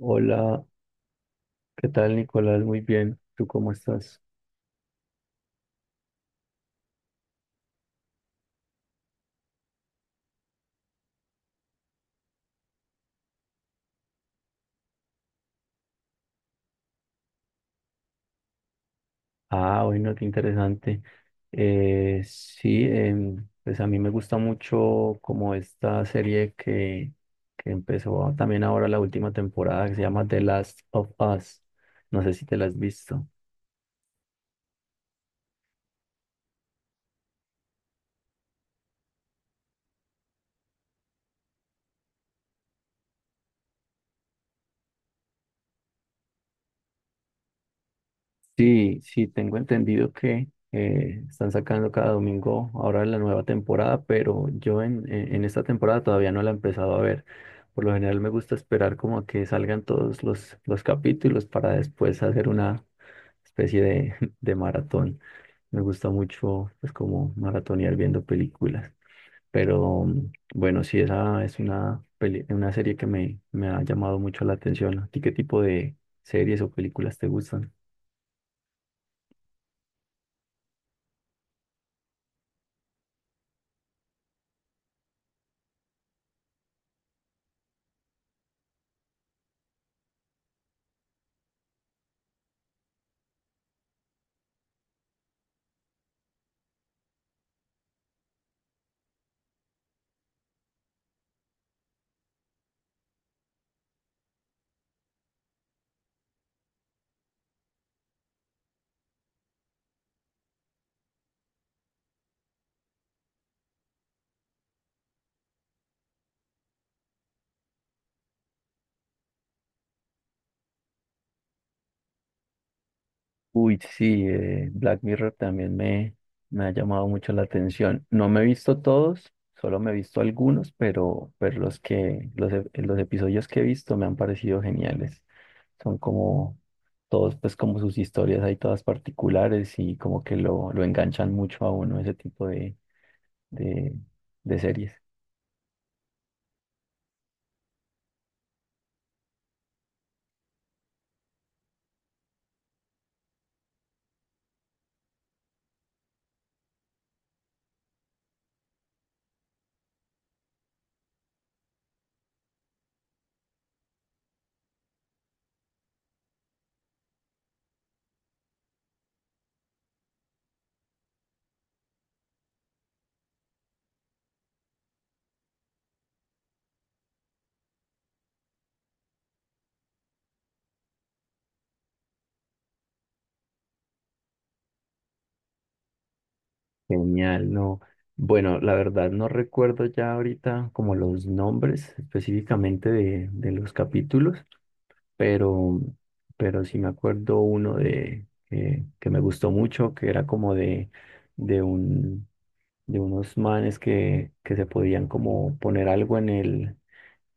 Hola, ¿qué tal, Nicolás? Muy bien, ¿tú cómo estás? Ah, bueno, qué interesante. Sí, pues a mí me gusta mucho como esta serie que empezó también ahora la última temporada que se llama The Last of Us. No sé si te la has visto. Sí, sí, tengo entendido que están sacando cada domingo ahora la nueva temporada, pero yo en esta temporada todavía no la he empezado a ver. Por lo general me gusta esperar como a que salgan todos los capítulos para después hacer una especie de maratón. Me gusta mucho pues como maratonear viendo películas. Pero bueno, sí, esa es una serie que me ha llamado mucho la atención. ¿A ti qué tipo de series o películas te gustan? Uy, sí, Black Mirror también me ha llamado mucho la atención. No me he visto todos, solo me he visto algunos, pero los episodios que he visto me han parecido geniales. Son como todos, pues como sus historias hay todas particulares y como que lo enganchan mucho a uno ese tipo de, de series. Genial, no. Bueno, la verdad no recuerdo ya ahorita como los nombres específicamente de los capítulos. pero, pero sí me acuerdo uno de que me gustó mucho, que era como de un, de unos manes que se podían como poner algo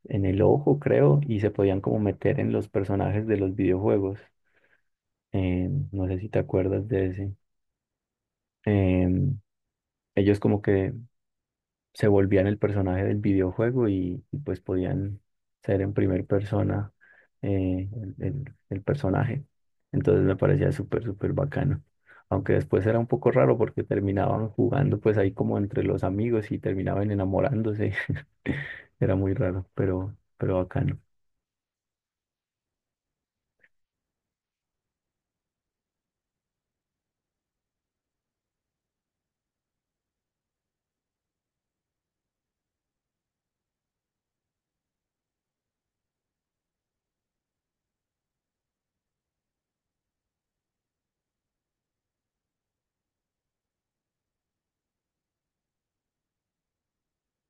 en el ojo, creo, y se podían como meter en los personajes de los videojuegos. No sé si te acuerdas de ese. Em, Ellos como que se volvían el personaje del videojuego y pues podían ser en primera persona el personaje. Entonces me parecía súper, súper bacano. Aunque después era un poco raro porque terminaban jugando pues ahí como entre los amigos y terminaban enamorándose. Era muy raro, pero bacano.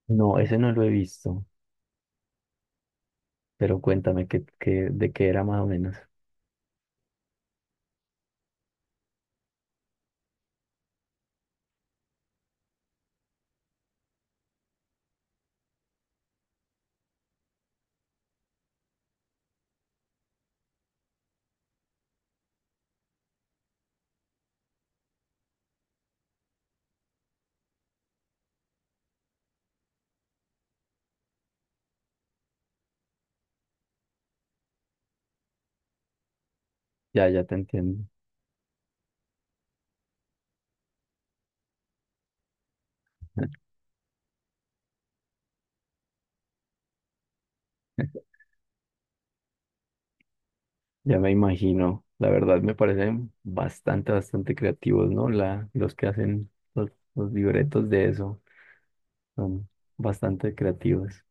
No, ese no lo he visto, pero cuéntame de qué era más o menos. Ya, ya te entiendo. Ya me imagino, la verdad me parecen bastante, bastante creativos, ¿no? Los que hacen los, los libretos de eso son bastante creativos.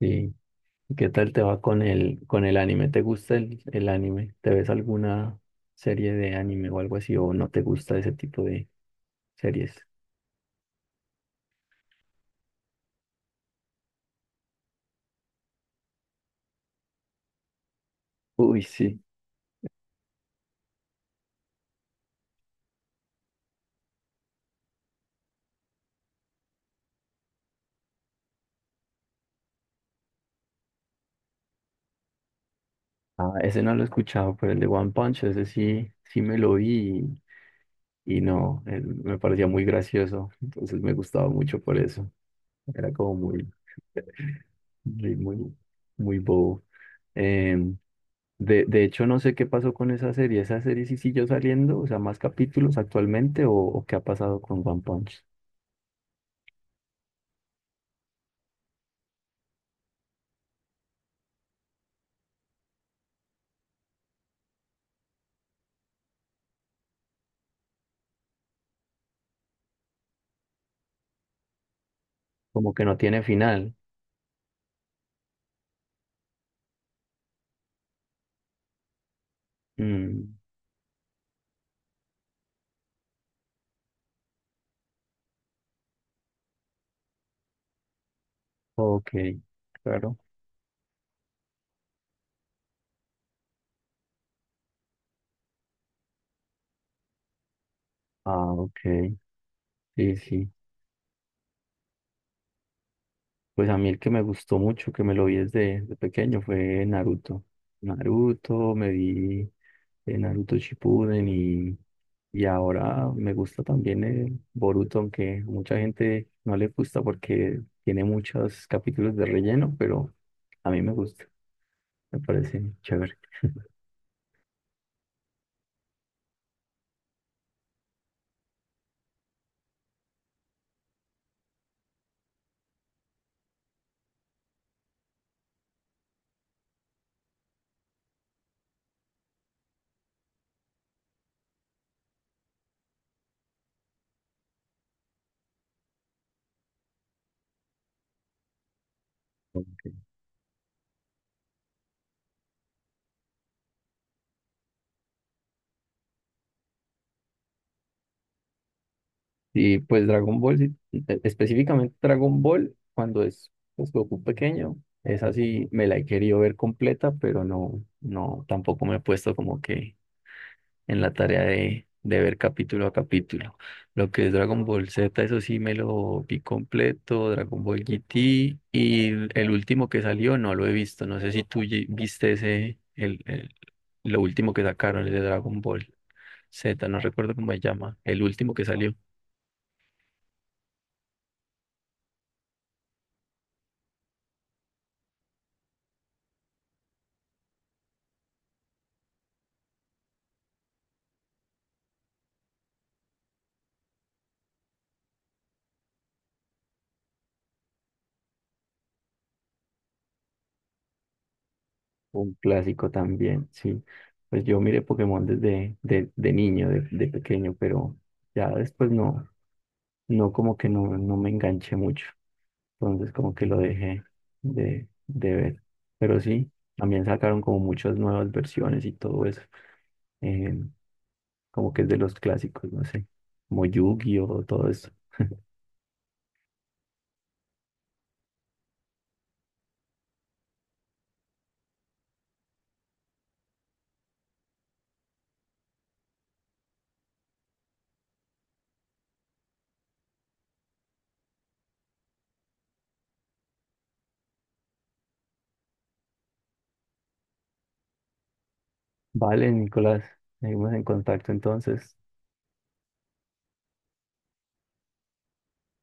Sí. ¿Y qué tal te va con el anime? ¿Te gusta el anime? ¿Te ves alguna serie de anime o algo así? ¿O no te gusta ese tipo de series? Uy, sí. Ah, ese no lo he escuchado, pero el de One Punch, ese sí, sí me lo vi y no, me parecía muy gracioso, entonces me gustaba mucho por eso, era como muy, muy, muy, muy bobo. Em, de hecho, no sé qué pasó con esa serie sí siguió saliendo, o sea, más capítulos actualmente o qué ha pasado con One Punch, como que no tiene final. Mm, ok, claro. Ah, ok, sí, sí. Pues a mí el que me gustó mucho, que me lo vi desde, desde pequeño, fue Naruto. Naruto, me vi de Naruto Shippuden y ahora me gusta también el Boruto, aunque mucha gente no le gusta porque tiene muchos capítulos de relleno, pero a mí me gusta, me parece chévere. Ok. Y pues Dragon Ball, sí, e- específicamente Dragon Ball, cuando es pues, Goku pequeño, es así, me la he querido ver completa, pero no, no, tampoco me he puesto como que en la tarea de ver capítulo a capítulo. Lo que es Dragon Ball Z, eso sí me lo vi completo, Dragon Ball GT y el último que salió no lo he visto. No sé si viste ese, lo último que sacaron, el de Dragon Ball Z, no recuerdo cómo se llama, el último que salió. Un clásico también, sí. Pues yo miré Pokémon de niño, de pequeño, pero ya después no, no como que no, no me enganché mucho. Entonces como que lo dejé de ver. Pero sí, también sacaron como muchas nuevas versiones y todo eso. Eh, como que es de los clásicos, no sé, como Yu-Gi-Oh, todo eso. Vale, Nicolás, seguimos en contacto entonces.